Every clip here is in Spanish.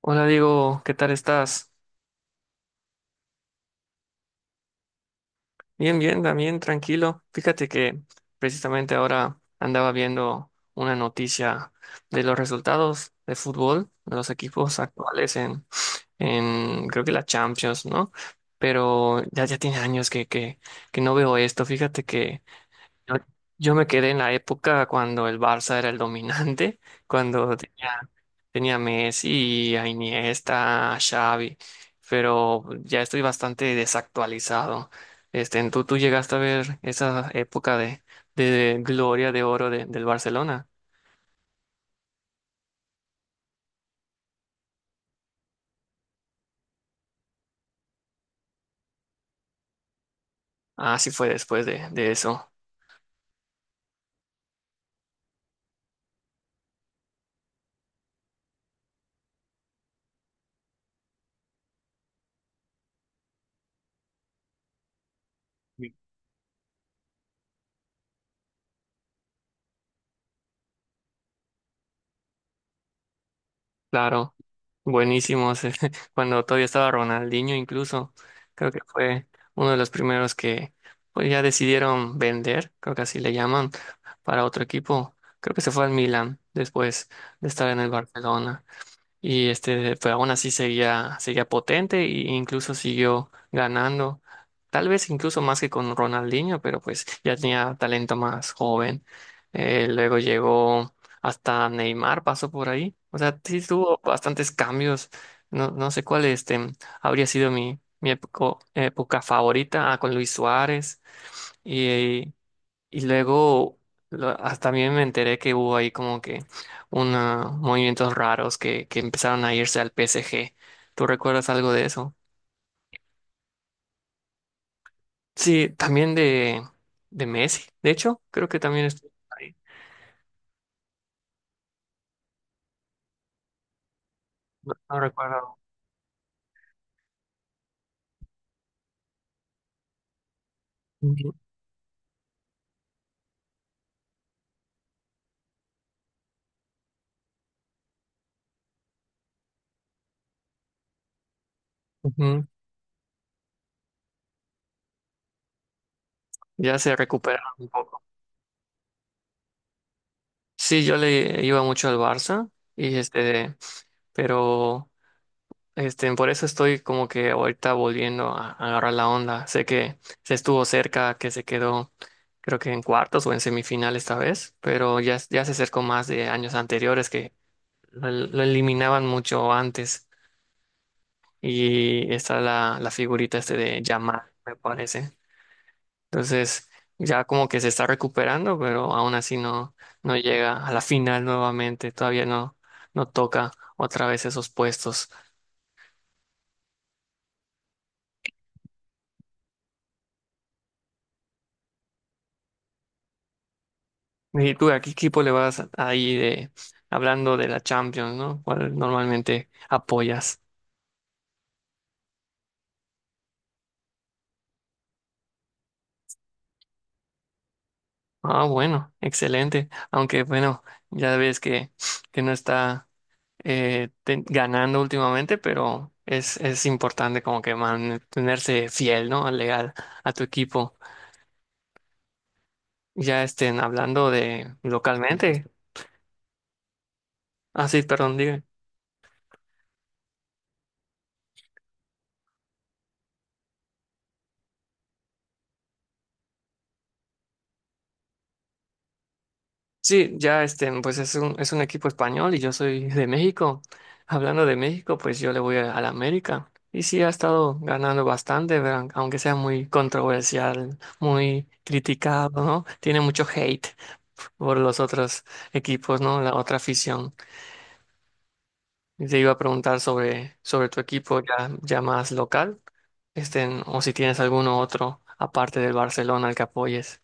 Hola Diego, ¿qué tal estás? Bien, bien, también tranquilo. Fíjate que precisamente ahora andaba viendo una noticia de los resultados de fútbol, de los equipos actuales en creo que la Champions, ¿no? Pero ya, ya tiene años que no veo esto. Fíjate que yo, yo me quedé en la época cuando el Barça era el dominante, cuando tenía tenía a Messi, a Iniesta, a Xavi, pero ya estoy bastante desactualizado. Este, ¿tú llegaste a ver esa época de gloria de oro del Barcelona? Ah, sí fue después de eso. Sí. Claro, buenísimos. Cuando todavía estaba Ronaldinho incluso, creo que fue uno de los primeros que pues, ya decidieron vender, creo que así le llaman, para otro equipo. Creo que se fue al Milan después de estar en el Barcelona. Y este, pues aún así seguía, seguía potente e incluso siguió ganando. Tal vez incluso más que con Ronaldinho, pero pues ya tenía talento más joven. Luego llegó hasta Neymar, pasó por ahí. O sea, sí tuvo bastantes cambios. No, no sé cuál este habría sido mi época, época favorita. Ah, con Luis Suárez. y y luego hasta también me enteré que hubo ahí como que unos movimientos raros que empezaron a irse al PSG. ¿Tú recuerdas algo de eso? Sí, también de Messi. De hecho, creo que también estuvo ahí. No, no recuerdo. Ujú, ujú. Ya se recuperaron un poco. Sí, yo le iba mucho al Barça y este, pero este, por eso estoy como que ahorita volviendo a agarrar la onda. Sé que se estuvo cerca, que se quedó, creo que en cuartos o en semifinal esta vez, pero ya, ya se acercó más de años anteriores que lo eliminaban mucho antes. Y está la figurita este de Yamal, me parece. Entonces, ya como que se está recuperando, pero aún así no, no llega a la final nuevamente. Todavía no, no toca otra vez esos puestos. ¿Y tú a qué equipo le vas ahí de hablando de la Champions, ¿no? ¿Cuál normalmente apoyas? Ah, bueno, excelente. Aunque bueno, ya ves que no está ganando últimamente, pero es importante como que mantenerse fiel, ¿no? Legal a tu equipo. Ya estén hablando de localmente. Ah, sí, perdón, diga. Sí, ya este, pues es un equipo español y yo soy de México. Hablando de México, pues yo le voy a la América. Y sí, ha estado ganando bastante, pero aunque sea muy controversial, muy criticado, ¿no? Tiene mucho hate por los otros equipos, ¿no? La otra afición. Y te iba a preguntar sobre, sobre tu equipo ya, ya más local, este, o si tienes alguno otro aparte del Barcelona al que apoyes.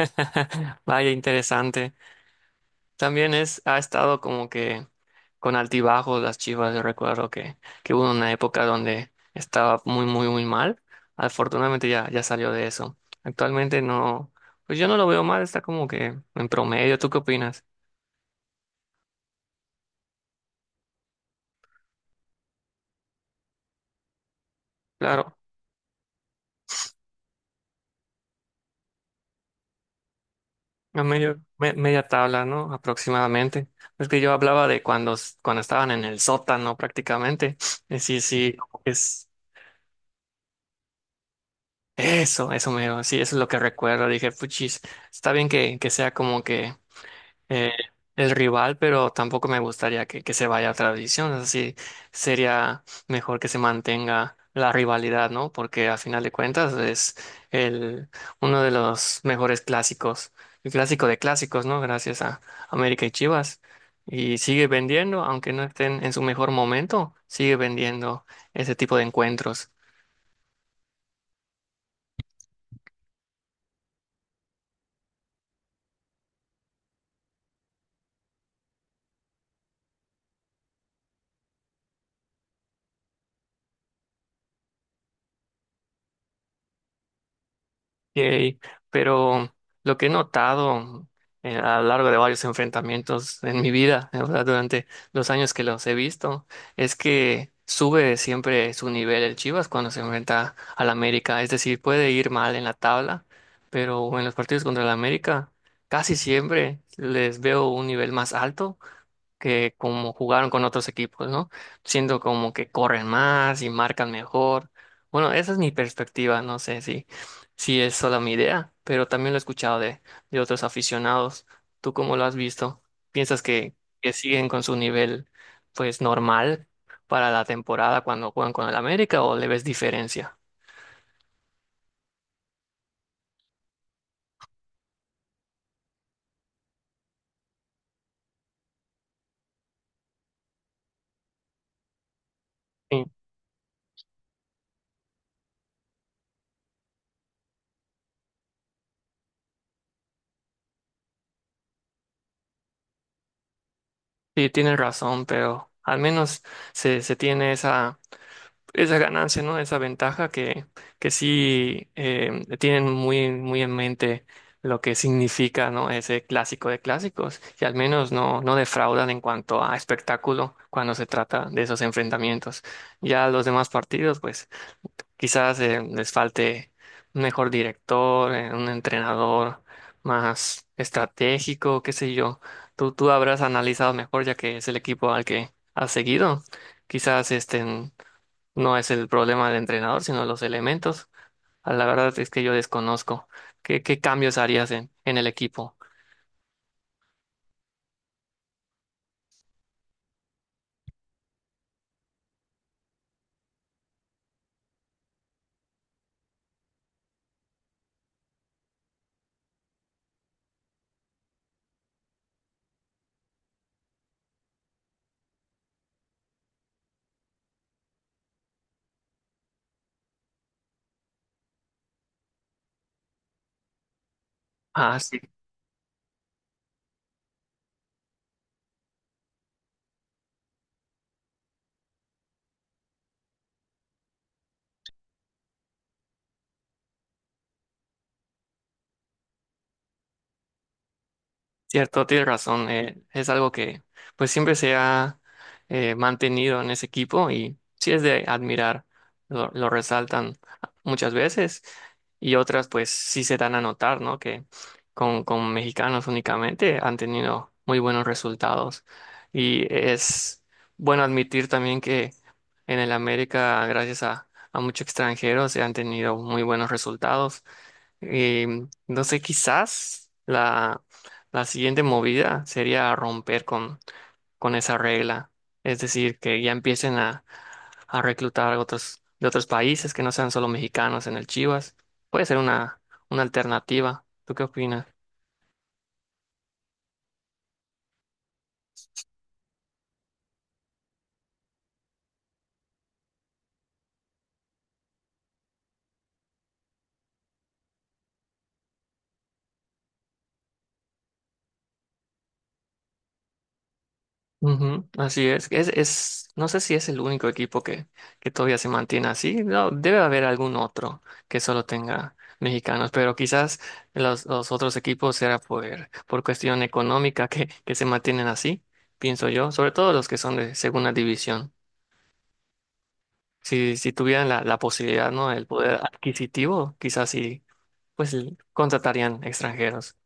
Vaya, interesante. También es, ha estado como que con altibajos las Chivas. Yo recuerdo que hubo una época donde estaba muy, muy, muy mal. Afortunadamente ya, ya salió de eso. Actualmente no, pues yo no lo veo mal, está como que en promedio. ¿Tú qué opinas? Claro, a medio, media tabla, ¿no? Aproximadamente. Es que yo hablaba de cuando, cuando estaban en el sótano prácticamente. Sí, sí, es eso me, sí, eso es lo que recuerdo. Dije, puchis, está bien que sea como que eh, el rival, pero tampoco me gustaría que se vaya a otra división. Así sería mejor que se mantenga la rivalidad, ¿no? Porque a final de cuentas es el, uno de los mejores clásicos, el clásico de clásicos, ¿no? Gracias a América y Chivas. Y sigue vendiendo, aunque no estén en su mejor momento, sigue vendiendo ese tipo de encuentros. Yay. Pero lo que he notado a lo largo de varios enfrentamientos en mi vida, o sea, durante los años que los he visto, es que sube siempre su nivel el Chivas cuando se enfrenta al América. Es decir, puede ir mal en la tabla, pero en los partidos contra el América casi siempre les veo un nivel más alto que como jugaron con otros equipos, ¿no? Siento como que corren más y marcan mejor. Bueno, esa es mi perspectiva, no sé si, si es solo mi idea, pero también lo he escuchado de otros aficionados. ¿Tú cómo lo has visto? ¿Piensas que siguen con su nivel, pues, normal para la temporada cuando juegan con el América o le ves diferencia? Sí, sí, tienes razón, pero al menos se, se tiene esa ganancia, ¿no? Esa ventaja que sí tienen muy, muy en mente lo que significa, ¿no? Ese clásico de clásicos y al menos no, no defraudan en cuanto a espectáculo cuando se trata de esos enfrentamientos. Ya los demás partidos, pues quizás les falte un mejor director, un entrenador más estratégico, qué sé yo. Tú habrás analizado mejor ya que es el equipo al que has seguido. Quizás este no es el problema del entrenador, sino los elementos. Ah, la verdad es que yo desconozco. ¿Qué, qué cambios harías en el equipo? Ah, sí. Cierto, tienes razón. Es algo que pues siempre se ha mantenido en ese equipo y sí es de admirar. Lo resaltan muchas veces y otras pues sí se dan a notar, ¿no? Que con mexicanos únicamente han tenido muy buenos resultados. Y es bueno admitir también que en el América, gracias a muchos extranjeros, se han tenido muy buenos resultados. Entonces quizás la siguiente movida sería romper con esa regla, es decir, que ya empiecen a reclutar otros, de otros países que no sean solo mexicanos en el Chivas. Puede ser una alternativa. ¿Tú qué opinas? Ujú, así es. Es, no sé si es el único equipo que todavía se mantiene así. No, debe haber algún otro que solo tenga mexicanos, pero quizás los otros equipos será por cuestión económica que se mantienen así, pienso yo, sobre todo los que son de segunda división. Si, si tuvieran la posibilidad, ¿no? El poder adquisitivo, quizás sí, pues contratarían extranjeros.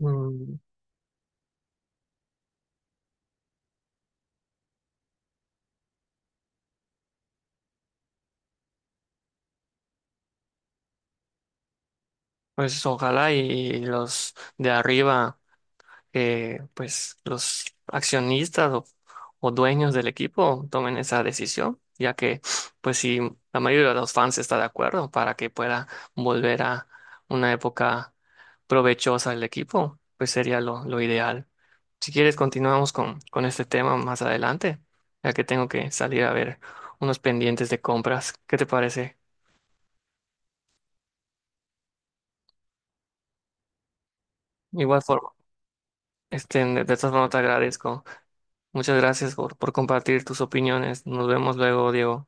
Mm, pues ojalá y los de arriba. Que pues los accionistas o dueños del equipo tomen esa decisión, ya que pues si la mayoría de los fans está de acuerdo para que pueda volver a una época provechosa del equipo, pues sería lo ideal. Si quieres, continuamos con este tema más adelante, ya que tengo que salir a ver unos pendientes de compras. ¿Qué te parece? De igual forma, este, de todas formas te agradezco. Muchas gracias por compartir tus opiniones. Nos vemos luego, Diego.